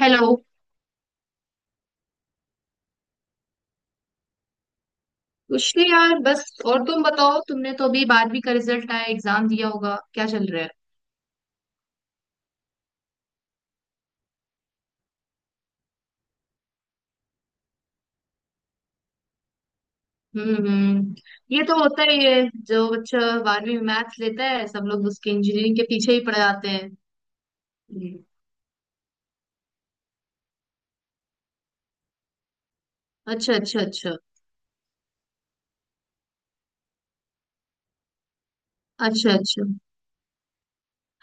Hello. कुछ नहीं यार, बस। और तुम बताओ, तुमने तो अभी बारहवीं का रिजल्ट आया, एग्जाम दिया होगा, क्या चल रहा है? हम्म। हम्म। ये तो होता ही है। जो बच्चा बारहवीं में मैथ्स लेता है, सब लोग उसके इंजीनियरिंग के पीछे ही पड़ जाते हैं। हम्म। अच्छा अच्छा अच्छा अच्छा अच्छा।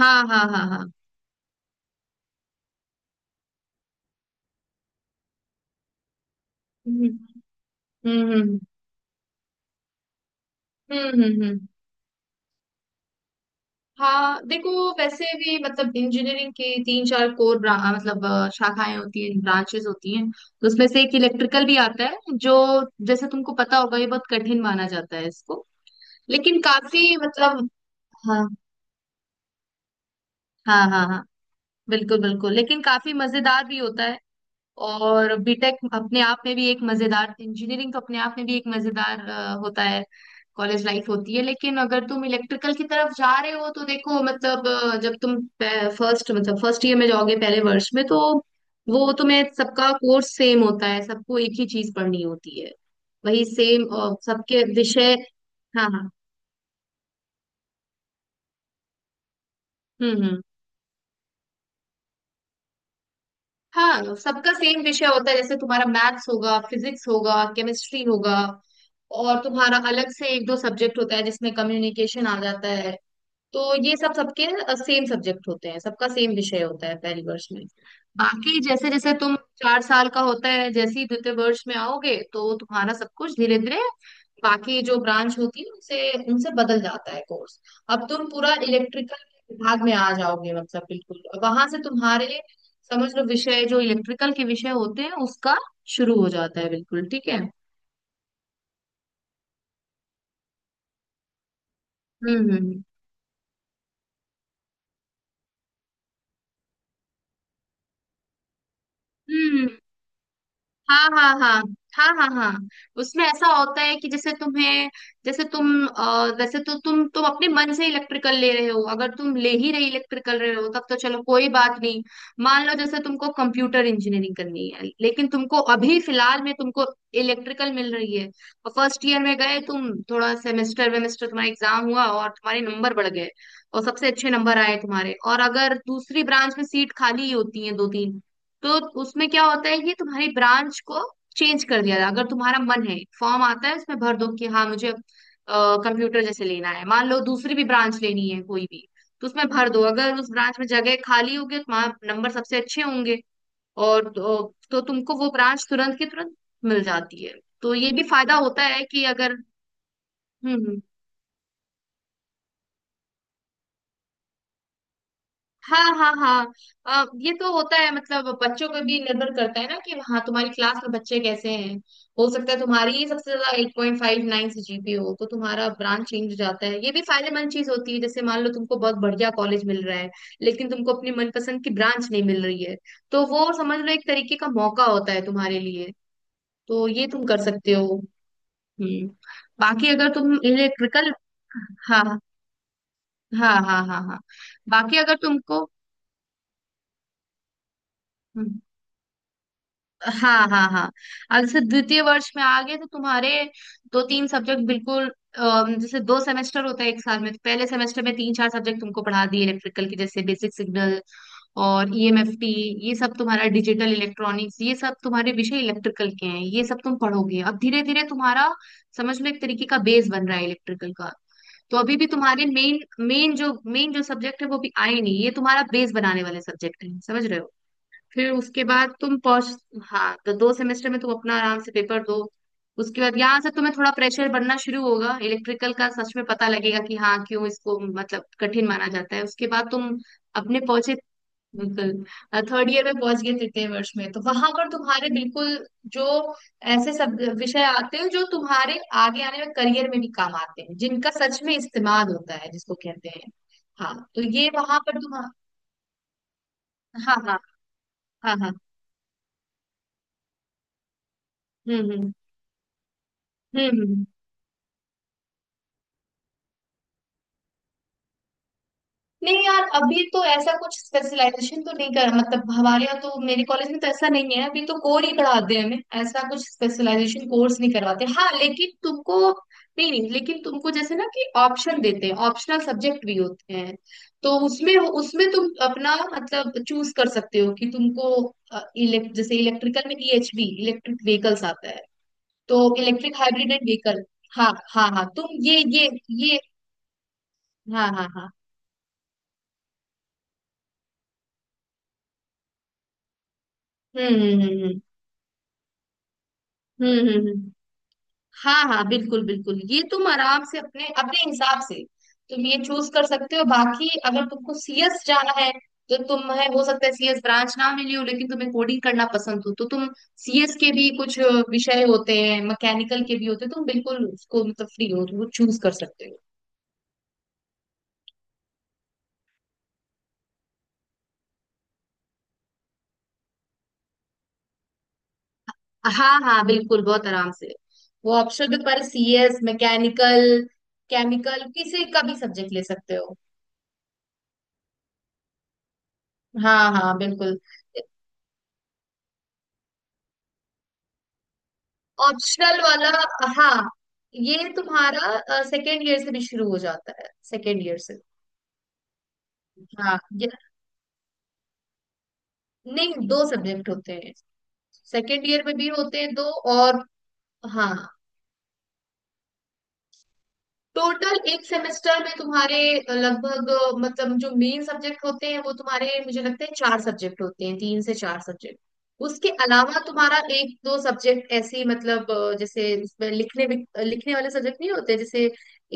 हाँ हाँ हाँ हाँ। हम्म हम्म हम्म हम्म। हाँ देखो, वैसे भी मतलब इंजीनियरिंग के तीन चार कोर मतलब शाखाएं होती हैं, ब्रांचेस होती हैं, तो उसमें से एक इलेक्ट्रिकल भी आता है। जो, जैसे तुमको पता होगा, ये बहुत कठिन माना जाता है इसको, लेकिन काफी मतलब। हाँ हाँ हाँ हाँ, बिल्कुल बिल्कुल, लेकिन काफी मजेदार भी होता है। और बीटेक अपने आप में भी एक मजेदार, इंजीनियरिंग तो अपने आप में भी एक मजेदार होता है। कॉलेज लाइफ होती है, लेकिन अगर तुम इलेक्ट्रिकल की तरफ जा रहे हो, तो देखो मतलब जब तुम फर्स्ट मतलब फर्स्ट ईयर में जाओगे, पहले वर्ष में, तो वो तुम्हें सबका कोर्स सेम होता है, सबको एक ही चीज पढ़नी होती है। वही सेम सबके विषय। हाँ हाँ। हम्म। हाँ, सबका सेम विषय होता है, जैसे तुम्हारा मैथ्स होगा, फिजिक्स होगा, केमिस्ट्री होगा, और तुम्हारा अलग से एक दो सब्जेक्ट होता है जिसमें कम्युनिकेशन आ जाता है। तो ये सब सबके सेम सब्जेक्ट होते हैं, सबका सेम विषय होता है पहली वर्ष में। बाकी जैसे जैसे तुम, चार साल का होता है, जैसे ही द्वितीय वर्ष में आओगे तो तुम्हारा सब कुछ धीरे धीरे बाकी जो ब्रांच होती है उनसे उनसे बदल जाता है कोर्स। अब तुम पूरा इलेक्ट्रिकल विभाग में आ जाओगे, मतलब बिल्कुल, अब वहां से तुम्हारे समझ लो विषय जो इलेक्ट्रिकल के विषय होते हैं उसका शुरू हो जाता है, बिल्कुल ठीक है। हम्म हम्म हम्म। हाँ हाँ हाँ हाँ। हाँ हाँ। उसमें ऐसा होता है कि जैसे तुम्हें, जैसे तुम वैसे तो तुम अपने मन से इलेक्ट्रिकल ले रहे हो, अगर तुम ले ही रहे इलेक्ट्रिकल रहे हो तब तो चलो कोई बात नहीं। मान लो जैसे तुमको कंप्यूटर इंजीनियरिंग करनी है, लेकिन तुमको अभी फिलहाल में तुमको इलेक्ट्रिकल मिल रही है, और फर्स्ट ईयर में गए तुम, थोड़ा सेमेस्टर वेमेस्टर तुम्हारा एग्जाम हुआ और तुम्हारे नंबर बढ़ गए, और सबसे अच्छे नंबर आए तुम्हारे, और अगर दूसरी ब्रांच में सीट खाली ही होती है दो तीन, तो उसमें क्या होता है कि तुम्हारी ब्रांच को चेंज कर दिया था। अगर तुम्हारा मन है, फॉर्म आता है, उसमें भर दो कि हाँ मुझे कंप्यूटर जैसे लेना है, मान लो दूसरी भी ब्रांच लेनी है कोई भी, तो उसमें भर दो, अगर उस ब्रांच में जगह खाली होगी तो वहां नंबर सबसे अच्छे होंगे, और तो तुमको वो ब्रांच तुरंत की तुरंत मिल जाती है। तो ये भी फायदा होता है कि अगर। हम्म हम्म। हाँ हाँ हाँ। ये तो होता है, मतलब बच्चों पे भी निर्भर करता है ना कि हाँ तुम्हारी क्लास में बच्चे कैसे हैं। हो सकता है तुम्हारी ही सबसे ज्यादा 8.59 से जीपी हो, तो तुम्हारा ब्रांच चेंज हो जाता है। ये भी फायदेमंद चीज होती है, जैसे मान लो तुमको बहुत बढ़िया कॉलेज मिल रहा है, लेकिन तुमको अपनी मनपसंद की ब्रांच नहीं मिल रही है, तो वो समझ लो एक तरीके का मौका होता है तुम्हारे लिए। तो ये तुम कर सकते हो। हम्म। बाकी अगर तुम इलेक्ट्रिकल। हाँ हाँ हाँ हाँ हाँ। बाकी अगर तुमको। हम्म। हाँ हाँ हाँ। अब जैसे द्वितीय वर्ष में आ गए तो तुम्हारे दो तीन सब्जेक्ट बिल्कुल जैसे दो सेमेस्टर होता है एक साल में, तो पहले सेमेस्टर में तीन चार सब्जेक्ट तुमको पढ़ा दिए इलेक्ट्रिकल के, जैसे बेसिक सिग्नल और ईएमएफटी, ये सब तुम्हारा डिजिटल इलेक्ट्रॉनिक्स, ये सब तुम्हारे विषय इलेक्ट्रिकल के हैं, ये सब तुम पढ़ोगे। अब धीरे धीरे तुम्हारा समझ लो एक तरीके का बेस बन रहा है इलेक्ट्रिकल का। तो अभी भी तुम्हारे मेन, मेन जो सब्जेक्ट है वो भी आए नहीं, ये तुम्हारा बेस बनाने वाले सब्जेक्ट है, समझ रहे हो। फिर उसके बाद तुम पहुंच। हाँ, तो दो सेमेस्टर में तुम अपना आराम से पेपर दो। उसके बाद यहाँ से तुम्हें थोड़ा प्रेशर बढ़ना शुरू होगा, इलेक्ट्रिकल का सच में पता लगेगा कि हाँ क्यों इसको मतलब कठिन माना जाता है। उसके बाद तुम अपने पहुंचे बिल्कुल थर्ड ईयर में पहुंच गए, तृतीय वर्ष में, तो वहां पर तुम्हारे बिल्कुल जो ऐसे सब विषय आते हैं जो तुम्हारे आगे आने में करियर में भी काम आते हैं, जिनका सच में इस्तेमाल होता है, जिसको कहते हैं। हाँ तो ये वहां पर तुम। हाँ हाँ हाँ। हाँ हाँ। हम्म हम्म हम्म। नहीं यार, अभी तो ऐसा कुछ स्पेशलाइजेशन तो नहीं कर, मतलब हमारे यहाँ तो, मेरे कॉलेज में तो ऐसा नहीं है। अभी तो कोर ही पढ़ाते हैं हमें, ऐसा कुछ स्पेशलाइजेशन कोर्स नहीं करवाते। हाँ लेकिन तुमको, नहीं नहीं, लेकिन तुमको जैसे ना कि ऑप्शन देते हैं, ऑप्शनल सब्जेक्ट भी होते हैं। तो उसमें उसमें तुम अपना मतलब चूज कर सकते हो कि तुमको जैसे इलेक्ट्रिकल में ईएचवी, इलेक्ट्रिक व्हीकल्स आता है। तो इलेक्ट्रिक हाइब्रिड एंड व्हीकल। हाँ हाँ हाँ तुम ये। हाँ हाँ हाँ। हम्म हम्म हम्म हम्म हम्म हम्म हम्म। हाँ हाँ बिल्कुल बिल्कुल, ये तुम आराम से अपने अपने हिसाब से तुम ये चूज कर सकते हो। बाकी अगर तुमको सीएस जाना है, तो तुम्हें हो सकता है सीएस ब्रांच ना मिली हो, लेकिन तुम्हें कोडिंग करना पसंद हो, तो तुम सीएस के भी कुछ विषय होते हैं, मैकेनिकल के भी होते हैं, तुम बिल्कुल उसको मतलब फ्री हो, तुम चूज कर सकते हो। हाँ हाँ बिल्कुल, बहुत आराम से। वो ऑप्शन पे, पर सीएस, मैकेनिकल, केमिकल किसी का भी सब्जेक्ट ले सकते हो। हाँ हाँ बिल्कुल। ऑप्शनल वाला। हाँ, ये तुम्हारा सेकेंड ईयर से भी शुरू हो जाता है, सेकेंड ईयर से। हाँ नहीं, दो सब्जेक्ट होते हैं, सेकेंड ईयर में भी होते हैं दो। और। हाँ। टोटल एक सेमेस्टर में तुम्हारे लगभग मतलब जो मेन सब्जेक्ट होते हैं वो तुम्हारे, मुझे लगता है, चार सब्जेक्ट होते हैं, तीन से चार सब्जेक्ट। उसके अलावा तुम्हारा एक दो सब्जेक्ट ऐसे ही, मतलब जैसे उसमें लिखने भी, लिखने वाले सब्जेक्ट नहीं होते, जैसे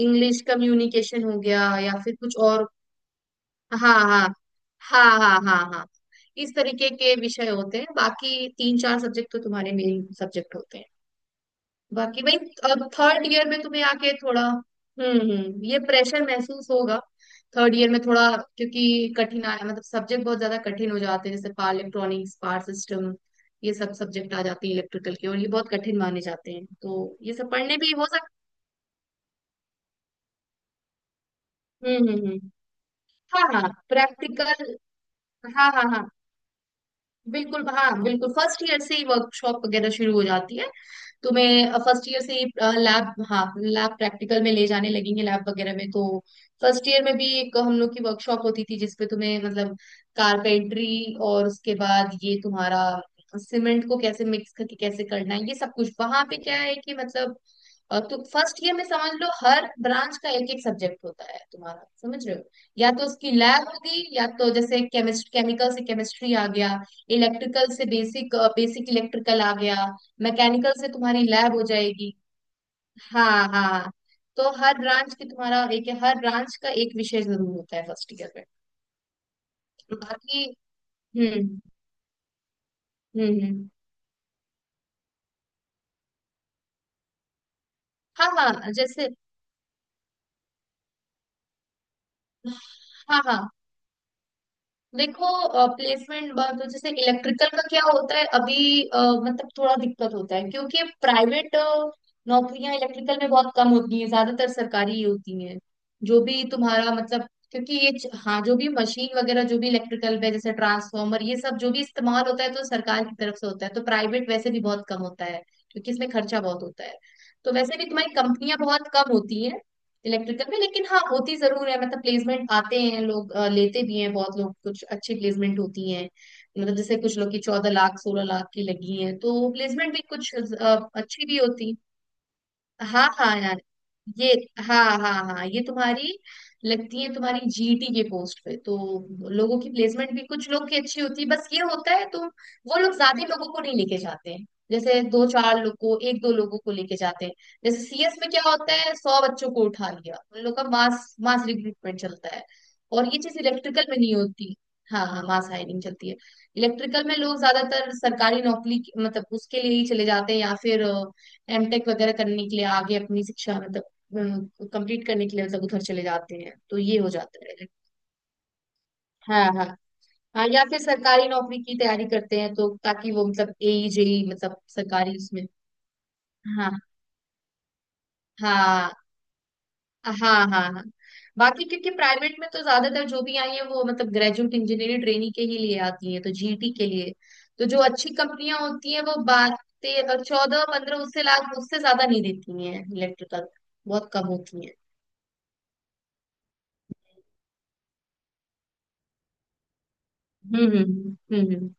इंग्लिश कम्युनिकेशन हो गया या फिर कुछ और। हाँ हाँ हाँ हाँ हाँ हाँ। इस तरीके के विषय होते हैं, बाकी तीन चार सब्जेक्ट तो तुम्हारे मेन सब्जेक्ट होते हैं। बाकी भाई, अब थर्ड ईयर में तुम्हें आके थोड़ा ये प्रेशर महसूस होगा, थर्ड ईयर में थोड़ा, क्योंकि कठिनाई मतलब सब्जेक्ट बहुत ज्यादा कठिन हो जाते हैं, जैसे पावर इलेक्ट्रॉनिक्स, पावर सिस्टम, ये सब सब्जेक्ट आ जाते हैं इलेक्ट्रिकल के, और ये बहुत कठिन माने जाते हैं, तो ये सब पढ़ने भी हो सकते। हम्म। हाँ हाँ प्रैक्टिकल। हाँ हाँ हाँ बिल्कुल, हाँ बिल्कुल, फर्स्ट ईयर से ही वर्कशॉप वगैरह शुरू हो जाती है। तुम्हें फर्स्ट ईयर से ही लैब, हाँ, लैब प्रैक्टिकल में ले जाने लगेंगे, लैब वगैरह में। तो फर्स्ट ईयर में भी एक हम लोग की वर्कशॉप होती थी, जिसपे तुम्हें मतलब कारपेंट्री, और उसके बाद ये तुम्हारा सीमेंट को कैसे मिक्स करके कैसे करना है, ये सब कुछ वहां पे। क्या है कि मतलब तो फर्स्ट ईयर में समझ लो हर ब्रांच का एक एक सब्जेक्ट होता है तुम्हारा, समझ रहे हो। या तो उसकी लैब होगी, या तो जैसे केमिस्ट केमिकल से केमिस्ट्री आ गया, इलेक्ट्रिकल से बेसिक बेसिक इलेक्ट्रिकल आ गया, मैकेनिकल से तुम्हारी लैब हो जाएगी। हाँ हाँ। तो हर ब्रांच का एक विषय जरूर होता है फर्स्ट ईयर में। बाकी। हम्म हम्म। हाँ हाँ जैसे। हाँ हाँ देखो, प्लेसमेंट बात हो जैसे, इलेक्ट्रिकल का क्या होता है अभी मतलब थोड़ा दिक्कत होता है, क्योंकि प्राइवेट नौकरियां इलेक्ट्रिकल में बहुत कम होती हैं, ज्यादातर सरकारी ही होती हैं। जो भी तुम्हारा मतलब, क्योंकि हाँ जो भी मशीन वगैरह, जो भी इलेक्ट्रिकल पे जैसे ट्रांसफार्मर, ये सब जो भी इस्तेमाल होता है, तो सरकार की तरफ से होता है, तो प्राइवेट वैसे भी बहुत कम होता है, क्योंकि इसमें खर्चा बहुत होता है। तो वैसे भी तुम्हारी कंपनियां बहुत कम होती हैं इलेक्ट्रिकल में, लेकिन हाँ होती जरूर है, मतलब प्लेसमेंट आते हैं, लोग लेते भी हैं, बहुत लोग कुछ अच्छी प्लेसमेंट होती हैं। मतलब जैसे कुछ लोग की 14 लाख, 16 लाख की लगी हैं, तो प्लेसमेंट भी कुछ अच्छी भी होती। हाँ हाँ यार। ये। हाँ हाँ हाँ ये तुम्हारी लगती है, तुम्हारी जीटी के पोस्ट पे, तो लोगों की प्लेसमेंट भी कुछ लोग की अच्छी होती है। बस ये होता है तुम, वो लोग ज्यादा लोगों को नहीं लेके जाते हैं, जैसे दो चार लोग को, एक दो लोगों को लेके जाते हैं। जैसे सीएस में क्या होता है, 100 बच्चों को उठा लिया, उन लोग का मास मास रिक्रूटमेंट चलता है, और ये चीज इलेक्ट्रिकल में नहीं होती। हाँ हाँ, मास हायरिंग चलती है। इलेक्ट्रिकल में लोग ज्यादातर सरकारी नौकरी मतलब उसके लिए ही चले जाते हैं, या फिर एमटेक वगैरह करने के लिए, आगे अपनी शिक्षा मतलब कंप्लीट करने के लिए, मतलब उधर चले जाते हैं, तो ये हो जाता है। हाँ हाँ हाँ। या फिर सरकारी नौकरी की तैयारी करते हैं, तो ताकि वो मतलब एई जेई मतलब सरकारी उसमें। हाँ हाँ हाँ हाँ हाँ। बाकी क्योंकि प्राइवेट में तो ज्यादातर जो भी आई है वो मतलब ग्रेजुएट इंजीनियरिंग ट्रेनी के ही लिए आती है, तो जीटी के लिए तो जो अच्छी कंपनियां होती हैं वो 12, 14, 15, उससे लाख उससे ज्यादा नहीं देती हैं, इलेक्ट्रिकल बहुत कम होती हैं। हम्म हम्म हम्म।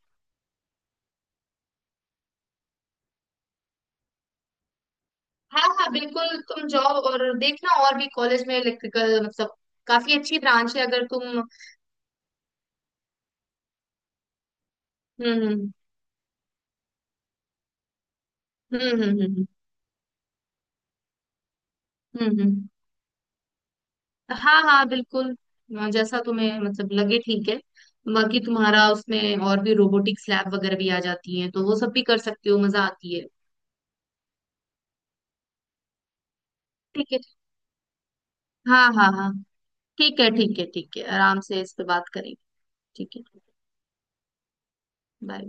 हाँ हाँ बिल्कुल, तुम जाओ और देखना, और भी कॉलेज में इलेक्ट्रिकल मतलब काफी अच्छी ब्रांच है, अगर तुम। हम्म हम्म हम्म हम्म हम्म हम्म। हम्म। हम्म। हाँ हाँ बिल्कुल, जैसा तुम्हें मतलब लगे, ठीक है। बाकी तुम्हारा उसमें और भी रोबोटिक्स लैब वगैरह भी आ जाती है, तो वो सब भी कर सकती हो, मजा आती है। ठीक है। हाँ हाँ हाँ। ठीक है ठीक है ठीक है, आराम से इस पे बात करेंगे। ठीक है। बाय।